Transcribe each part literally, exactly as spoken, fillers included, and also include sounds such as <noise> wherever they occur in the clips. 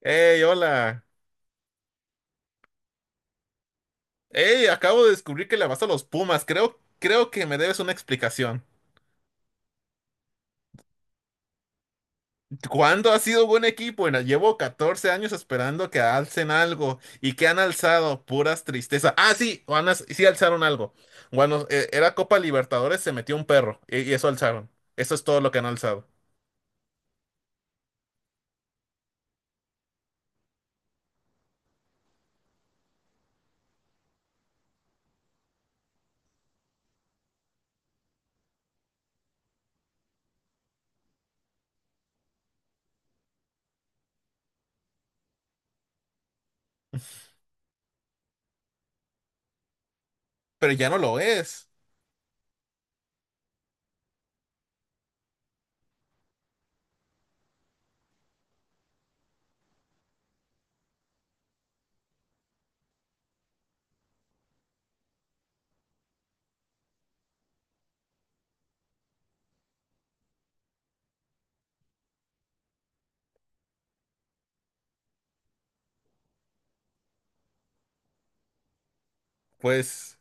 Hey, hola. Hey, acabo de descubrir que le vas a los Pumas. Creo, creo que me debes una explicación. ¿Cuándo ha sido buen equipo? Bueno, llevo catorce años esperando que alcen algo. ¿Y que han alzado? Puras tristeza. Ah, sí, van a- sí alzaron algo. Bueno, eh, era Copa Libertadores, se metió un perro. Y, y eso alzaron. Eso es todo lo que han alzado. Pero ya no lo es. Pues,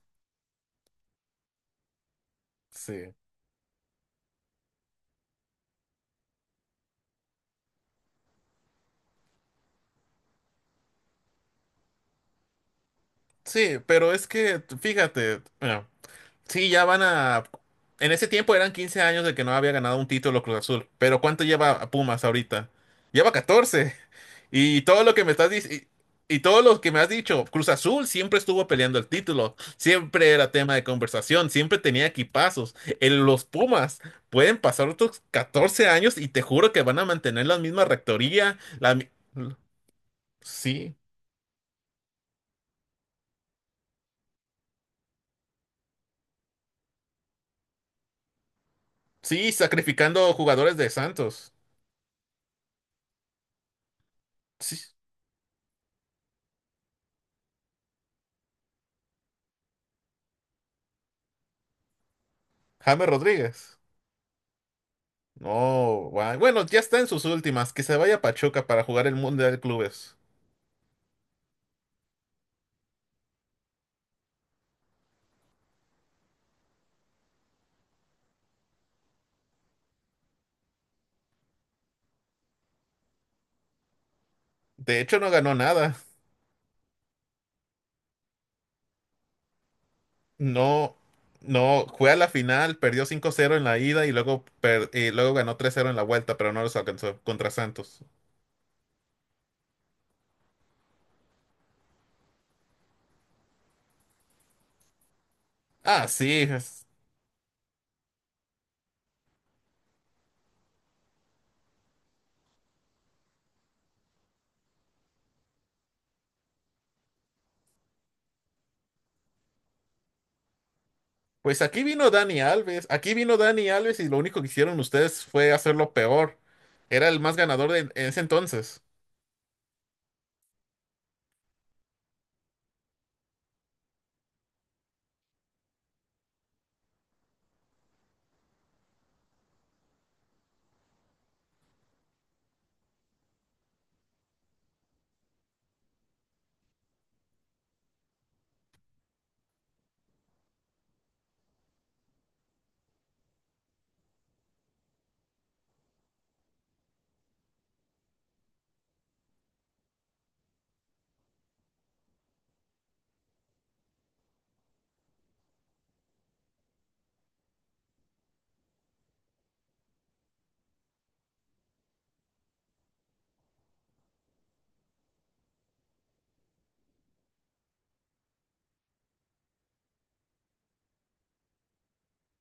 sí. Sí, pero es que, fíjate. Sí, ya van a... En ese tiempo eran quince años de que no había ganado un título Cruz Azul, pero ¿cuánto lleva a Pumas ahorita? Lleva catorce. <laughs> Y todo lo que me estás dic- y, y todo lo que me has dicho, Cruz Azul siempre estuvo peleando el título, siempre era tema de conversación, siempre tenía equipazos. En los Pumas pueden pasar otros catorce años y te juro que van a mantener la misma rectoría, la mi- Sí, sí, sacrificando jugadores de Santos. Sí, James Rodríguez. No, guay. Bueno, ya está en sus últimas. Que se vaya a Pachuca para jugar el Mundial de Clubes. De hecho, no ganó nada. No, no, fue a la final, perdió cinco cero en la ida y luego, per- y luego ganó tres cero en la vuelta, pero no los alcanzó contra Santos. Ah, sí. es- Pues aquí vino Dani Alves. Aquí vino Dani Alves y lo único que hicieron ustedes fue hacerlo peor. Era el más ganador de- en ese entonces.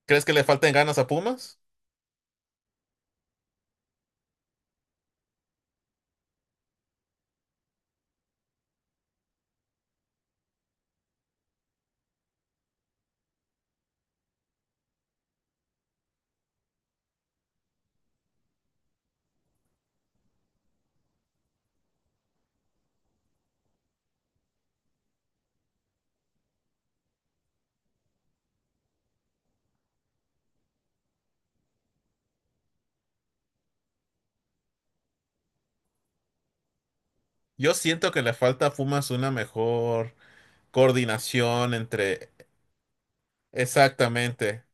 ¿Crees que le falten ganas a Pumas? Yo siento que le falta a Pumas una mejor coordinación entre. Exactamente.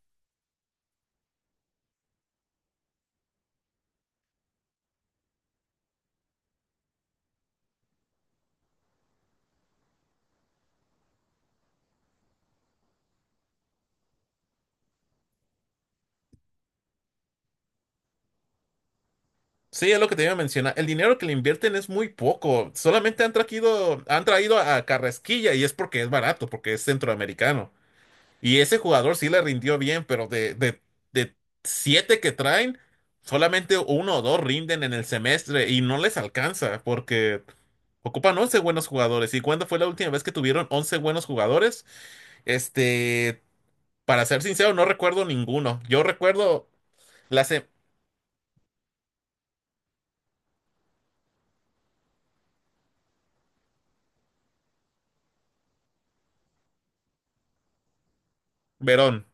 Sí, es lo que te iba a mencionar. El dinero que le invierten es muy poco. Solamente han traído, han traído a Carrasquilla y es porque es barato, porque es centroamericano. Y ese jugador sí le rindió bien, pero de, de, de siete que traen, solamente uno o dos rinden en el semestre y no les alcanza porque ocupan once buenos jugadores. ¿Y cuándo fue la última vez que tuvieron once buenos jugadores? Este, para ser sincero, no recuerdo ninguno. Yo recuerdo la... se- Verón.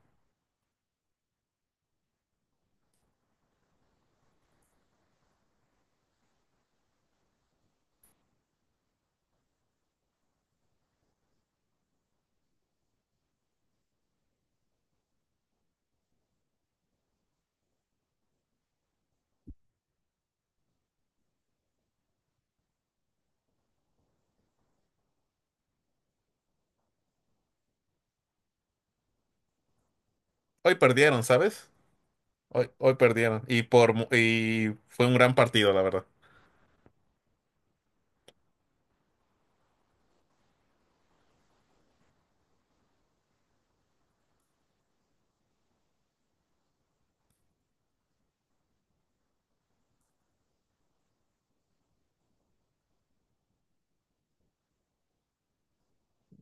Hoy perdieron, ¿sabes? Hoy, hoy perdieron. Y por mu- y fue un gran partido, la verdad.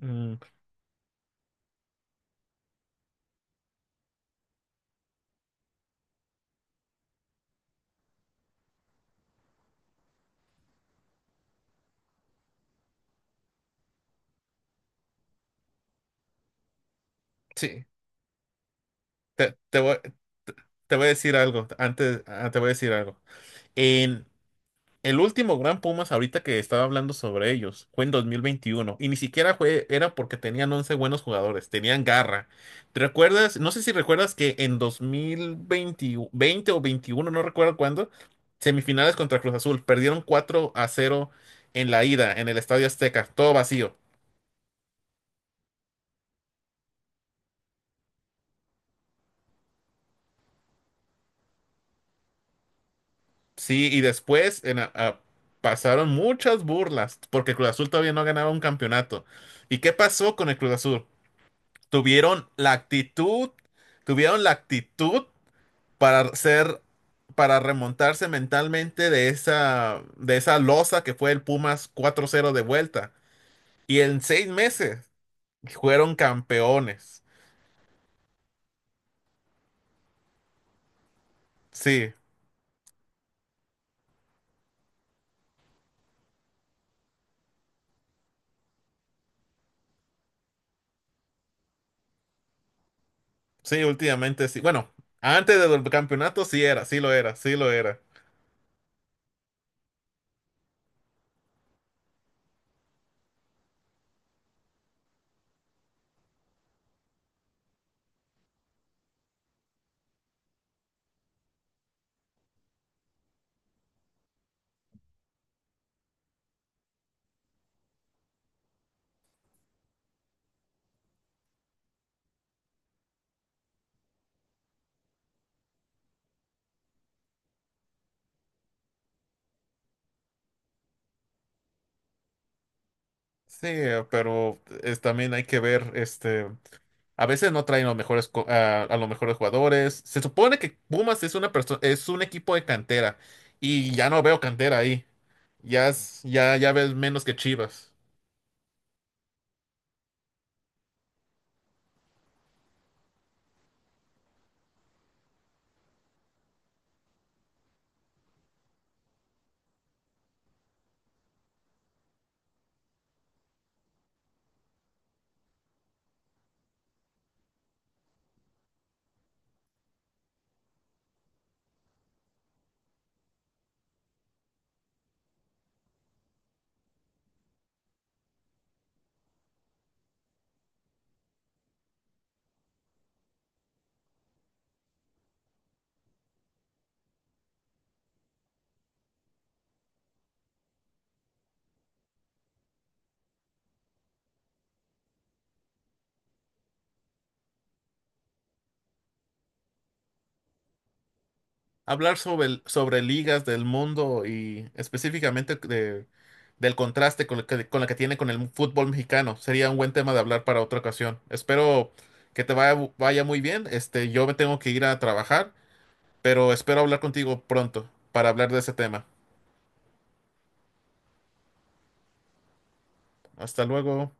Mm, sí. Te, te voy, te voy a decir algo. Antes, ah, te voy a decir algo. En el último Gran Pumas, ahorita que estaba hablando sobre ellos, fue en dos mil veintiuno. Y ni siquiera fue, era porque tenían once buenos jugadores. Tenían garra. ¿Te recuerdas? No sé si recuerdas que en dos mil veinte, veinte o veintiuno no recuerdo cuándo, semifinales contra Cruz Azul. Perdieron cuatro a cero en la ida, en el Estadio Azteca. Todo vacío. Sí, y después en a- a- pasaron muchas burlas porque Cruz Azul todavía no ganaba un campeonato. ¿Y qué pasó con el Cruz Azul? Tuvieron la actitud, tuvieron la actitud para ser, para remontarse mentalmente de esa, de esa losa que fue el Pumas cuatro cero de vuelta. Y en seis meses fueron campeones. Sí, sí, últimamente sí. Bueno, antes del campeonato sí era, sí lo era, sí lo era. Sí, eh, pero es, también hay que ver, este, a veces no traen los mejores, co- a, a los mejores jugadores. Se supone que Pumas es una persona, es un equipo de cantera y ya no veo cantera ahí. Ya es- ya, ya ves menos que Chivas. Hablar sobre, el- sobre ligas del mundo y específicamente de- del contraste con, el que- con la que tiene con el fútbol mexicano sería un buen tema de hablar para otra ocasión. Espero que te vaya, vaya muy bien. Este, yo me tengo que ir a trabajar, pero espero hablar contigo pronto para hablar de ese tema. Hasta luego.